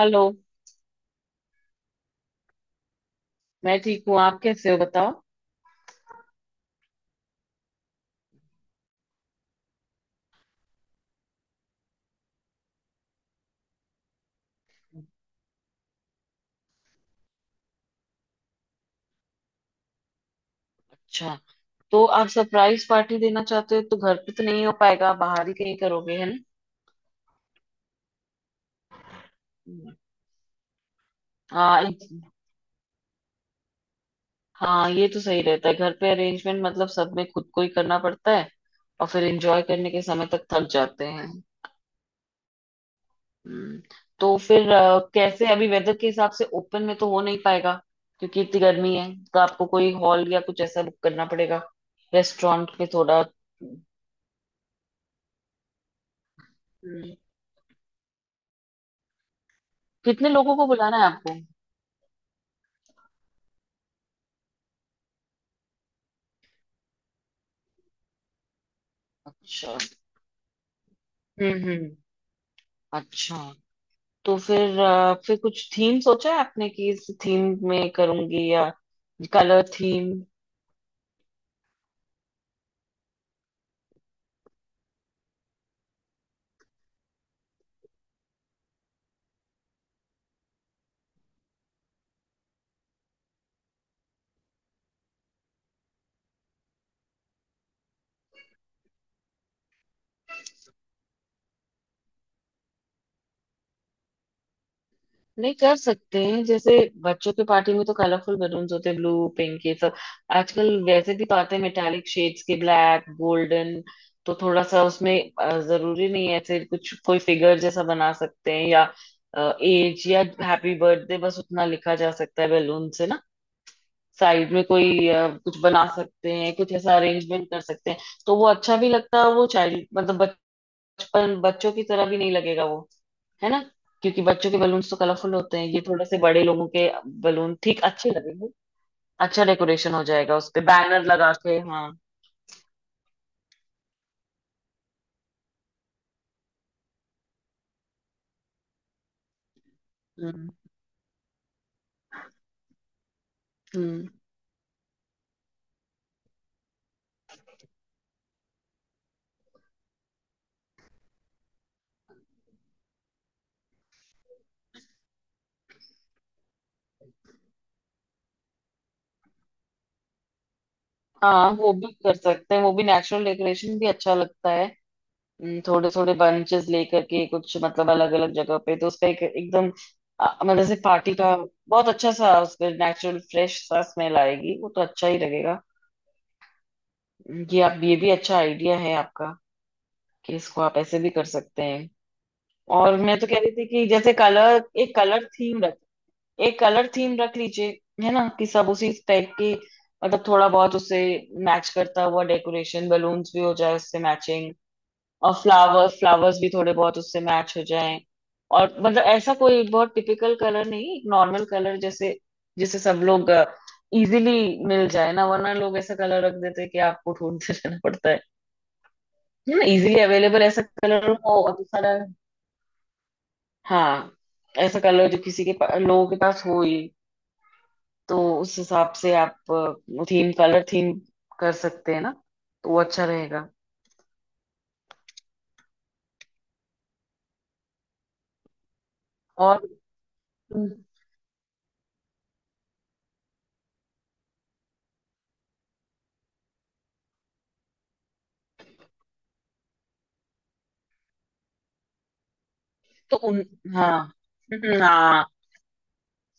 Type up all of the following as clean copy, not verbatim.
Hello. मैं ठीक हूँ, आप कैसे हो बताओ। अच्छा, तो आप सरप्राइज पार्टी देना चाहते हो, तो घर पे तो नहीं हो पाएगा, बाहर ही कहीं करोगे, है ना। हाँ एक- हाँ, ये तो सही रहता है। घर पे अरेंजमेंट मतलब सब में खुद को ही करना पड़ता है, और फिर एंजॉय करने के समय तक थक जाते हैं। हम्म, तो फिर कैसे अभी वेदर के हिसाब से ओपन में तो हो नहीं पाएगा, क्योंकि इतनी गर्मी है। तो आपको कोई हॉल या कुछ ऐसा बुक करना पड़ेगा, रेस्टोरेंट में थोड़ा। हम्म, कितने लोगों को बुलाना है आपको। अच्छा। हम्म। अच्छा। तो फिर फिर कुछ थीम सोचा है आपने, कि इस थीम में करूंगी या कलर थीम। नहीं, कर सकते हैं जैसे बच्चों के पार्टी में तो कलरफुल बलून्स होते हैं, ब्लू, पिंक, ये सब। आजकल वैसे भी तो आते हैं मेटालिक शेड्स के, ब्लैक, गोल्डन, तो थोड़ा सा उसमें जरूरी नहीं है। ऐसे कुछ कोई फिगर जैसा बना सकते हैं, या एज या हैप्पी बर्थडे बस उतना लिखा जा सकता है बैलून से ना। साइड में कोई कुछ बना सकते हैं, कुछ ऐसा अरेंजमेंट कर सकते हैं, तो वो अच्छा भी लगता है। वो चाइल्ड मतलब बचपन, बच्चों की तरह भी नहीं लगेगा वो, है ना। क्योंकि बच्चों के बलून्स तो कलरफुल होते हैं, ये थोड़े से बड़े लोगों के बलून ठीक अच्छे लगेंगे। अच्छा डेकोरेशन हो जाएगा उस पे बैनर लगा के, हाँ। हम्म हम्म। हाँ, वो भी कर सकते हैं। वो भी नेचुरल डेकोरेशन भी अच्छा लगता है, थोड़े थोड़े बंचेस लेकर के कुछ, मतलब अलग अलग जगह पे, तो उसका एक एकदम मतलब से पार्टी का बहुत अच्छा सा उसमें नेचुरल फ्रेश सा स्मेल आएगी, वो तो अच्छा ही लगेगा। ये आप ये भी अच्छा आइडिया है आपका, कि इसको आप ऐसे भी कर सकते हैं। और मैं तो कह रही थी कि जैसे कलर, एक कलर थीम रख लीजिए, है ना, कि सब उसी टाइप की, मतलब थोड़ा बहुत उसे मैच करता हुआ डेकोरेशन, बलून्स भी हो जाए उससे मैचिंग। और फ्लावर्स, फ्लावर्स भी थोड़े बहुत उससे मैच हो जाएं। और मतलब ऐसा कोई बहुत टिपिकल कलर नहीं, एक नॉर्मल कलर, जैसे जिसे सब लोग इजीली मिल जाए ना, वरना लोग ऐसा कलर रख देते हैं कि आपको ढूंढते रहना पड़ता है। ना, इजीली अवेलेबल ऐसा कलर हो, और दूसरा हाँ, ऐसा कलर जो किसी के लोगों के पास हो ही। तो उस हिसाब से आप थीम, कलर थीम कर सकते हैं ना, तो वो अच्छा रहेगा। और तो उन हाँ हाँ,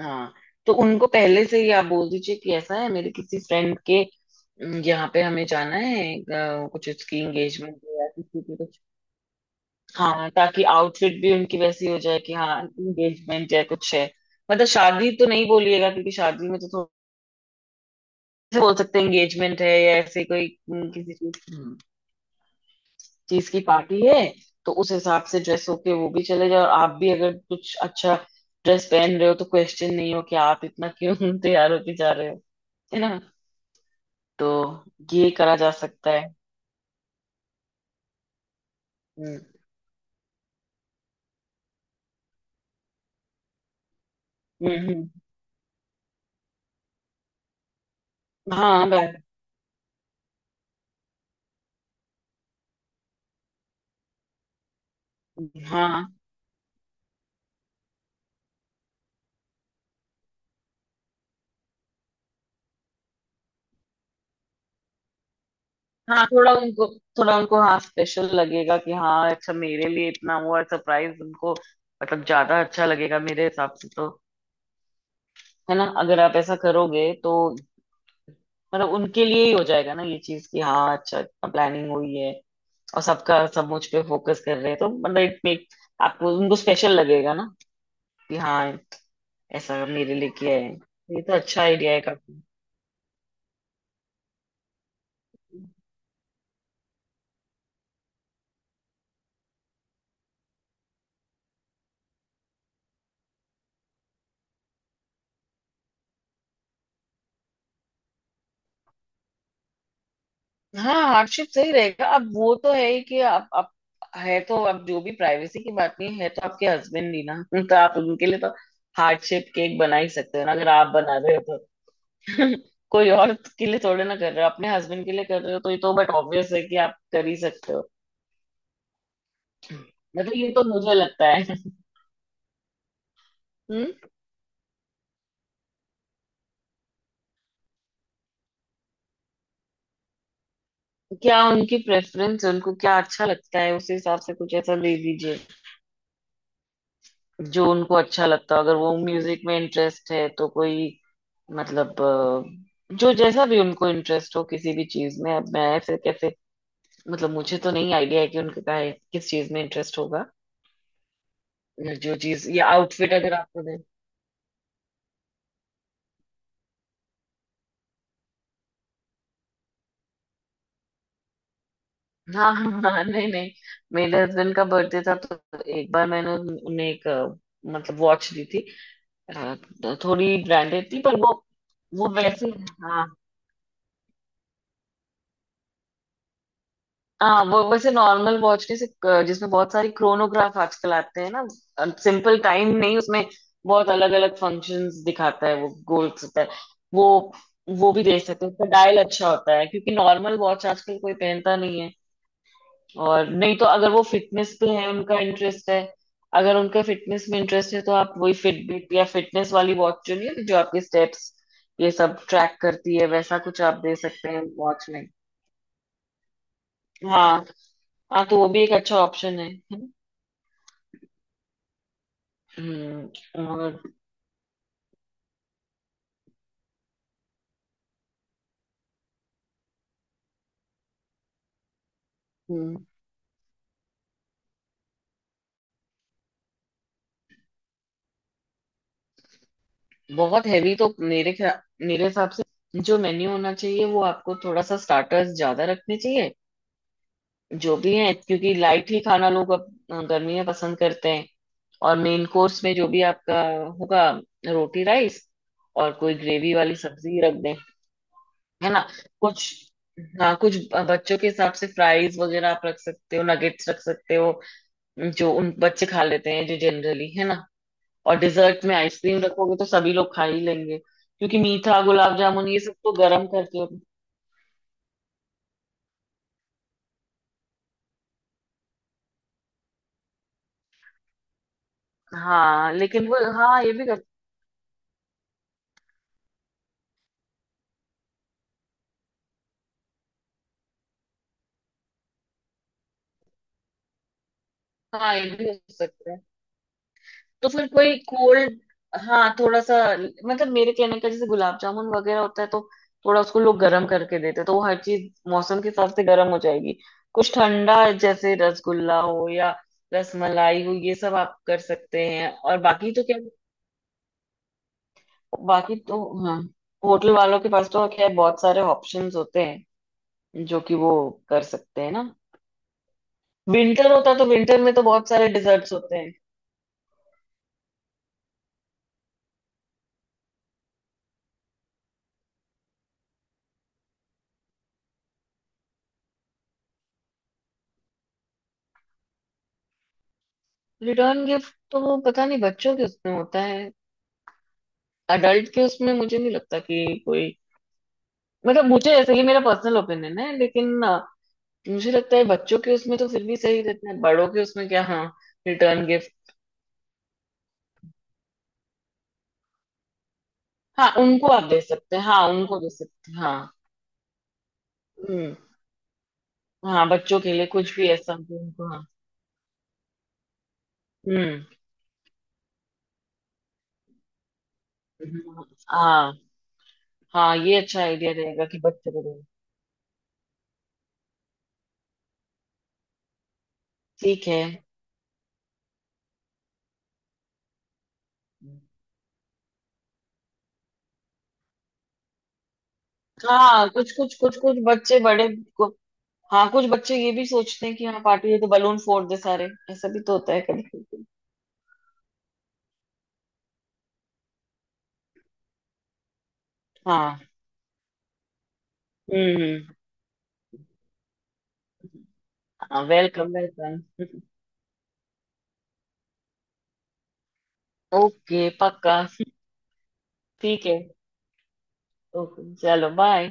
हाँ, तो उनको पहले से ही आप बोल दीजिए कि ऐसा है मेरे किसी फ्रेंड के यहाँ पे हमें जाना है, कुछ उसकी एंगेजमेंट है या किसी की कुछ। हाँ, ताकि आउटफिट भी उनकी वैसी हो जाए, कि हाँ एंगेजमेंट या कुछ है। मतलब शादी तो नहीं बोलिएगा, क्योंकि शादी में तो थोड़ा, ऐसे बोल सकते हैं एंगेजमेंट है या ऐसे कोई किसी चीज चीज की पार्टी है। तो उस हिसाब से ड्रेस होके वो भी चले जाए, और आप भी अगर कुछ अच्छा ड्रेस पहन रहे हो, तो क्वेश्चन नहीं हो कि आप इतना क्यों तैयार होके जा रहे हो, है ना। तो ये करा जा सकता है। हम्म हम्म हम्म। हाँ, हाँ, हाँ, थोड़ा उनको, हाँ स्पेशल लगेगा कि हाँ अच्छा, मेरे लिए इतना हुआ सरप्राइज, उनको मतलब ज्यादा अच्छा लगेगा मेरे हिसाब से तो। है ना, अगर आप ऐसा करोगे तो मतलब उनके लिए ही हो जाएगा ना ये चीज कि हाँ अच्छा प्लानिंग हुई है, और सबका सब मुझ पे फोकस कर रहे हैं, तो मतलब इट मेक, आपको उनको स्पेशल लगेगा ना, कि हाँ ऐसा मेरे लिए किया है। ये तो अच्छा आइडिया है काफी। हाँ, हार्डशिप सही रहेगा। अब वो तो है ही कि आप है तो अब जो भी प्राइवेसी की बात नहीं है तो आपके हस्बैंड ही ना तो आप उनके लिए तो हार्डशिप केक बना ही सकते हो ना, अगर आप बना रहे हो तो कोई और के लिए थोड़े ना कर रहे हो, अपने हस्बैंड के लिए कर रहे हो, तो ये तो बट ऑब्वियस है कि आप कर ही सकते हो। मतलब ये तो मुझे लगता है हम्म। क्या उनकी प्रेफरेंस, उनको क्या अच्छा लगता है, उस हिसाब से कुछ ऐसा दे दीजिए जो उनको अच्छा लगता हो। अगर वो म्यूजिक में इंटरेस्ट है तो कोई, मतलब जो जैसा भी उनको इंटरेस्ट हो किसी भी चीज में, अब मैं फिर कैसे, मतलब मुझे तो नहीं आइडिया है कि उनका किस चीज में इंटरेस्ट होगा, या जो चीज या आउटफिट अगर आपको दे। हाँ हाँ हाँ, हाँ, नहीं नहीं, मेरे हस्बैंड का बर्थडे था तो एक बार मैंने उन्हें एक मतलब वॉच दी थी। अ, तो थोड़ी ब्रांडेड थी, पर वो वैसे, हाँ। हाँ, वो वैसे नॉर्मल वॉच के से जिसमें बहुत सारी क्रोनोग्राफ आजकल आते हैं ना, सिंपल टाइम नहीं उसमें, बहुत अलग अलग फंक्शंस दिखाता है, वो गोल्स होता है वो वो भी देख सकते हैं, उसका डायल अच्छा होता है, क्योंकि नॉर्मल वॉच आजकल कोई पहनता नहीं है। और नहीं तो अगर वो फिटनेस पे है, उनका इंटरेस्ट है, अगर उनका फिटनेस में इंटरेस्ट है, तो आप वही फिटबिट या फिटनेस वाली वॉच चुनिए जो आपके स्टेप्स, ये सब ट्रैक करती है, वैसा कुछ आप दे सकते हैं वॉच में। हाँ, हाँ तो वो भी एक अच्छा ऑप्शन है। हम्म, और। हम्म, बहुत हैवी तो मेरे मेरे हिसाब से जो मेन्यू होना चाहिए, वो आपको थोड़ा सा स्टार्टर्स ज्यादा रखने चाहिए, जो भी है, क्योंकि लाइट ही खाना लोग अब गर्मी में पसंद करते हैं। और मेन कोर्स में जो भी आपका होगा, रोटी, राइस, और कोई ग्रेवी वाली सब्जी रख दें, है ना। कुछ, हाँ कुछ बच्चों के हिसाब से फ्राइज वगैरह आप रख सकते हो, नगेट्स रख सकते हो, जो उन बच्चे खा लेते हैं जो जनरली, है ना। और डिजर्ट में आइसक्रीम रखोगे तो सभी लोग खा ही लेंगे, क्योंकि मीठा गुलाब जामुन ये सब तो गर्म करके। हाँ लेकिन वो, हाँ ये भी कर सकते हैं। तो फिर कोई कोल्ड, हाँ थोड़ा सा मतलब मेरे कहने का जैसे गुलाब जामुन वगैरह होता है तो थोड़ा उसको लोग गर्म करके देते हैं, तो वो हर चीज मौसम के हिसाब से गर्म हो जाएगी। कुछ ठंडा जैसे रसगुल्ला हो या रसमलाई हो ये सब आप कर सकते हैं, और बाकी तो क्या, बाकी तो हाँ होटल वालों के पास तो खैर बहुत सारे ऑप्शंस होते हैं, जो कि वो कर सकते हैं ना। विंटर होता तो विंटर में तो बहुत सारे डिजर्ट्स होते हैं। रिटर्न गिफ्ट तो वो पता नहीं, बच्चों के उसमें होता है, अडल्ट के उसमें मुझे नहीं लगता कि कोई, मतलब मुझे ऐसे ही, मेरा पर्सनल ओपिनियन है लेकिन मुझे लगता है बच्चों के उसमें तो फिर भी सही रहते हैं, बड़ों के उसमें क्या। हाँ रिटर्न गिफ्ट, हाँ उनको आप दे सकते हैं, हाँ उनको दे सकते हैं, हाँ। हम्म। हाँ बच्चों के लिए कुछ भी ऐसा जो उनको, हाँ। हम्म। हाँ। हाँ ये अच्छा आइडिया रहेगा कि बच्चे को दें। ठीक है। हाँ कुछ कुछ, बच्चे बड़े को, हाँ कुछ बच्चे ये भी सोचते हैं कि हाँ पार्टी है तो बलून फोड़ दे सारे, ऐसा भी तो होता है कभी कभी। हाँ। हम्म। Welcome welcome. ओके पक्का। ठीक है। ओके चलो, बाय।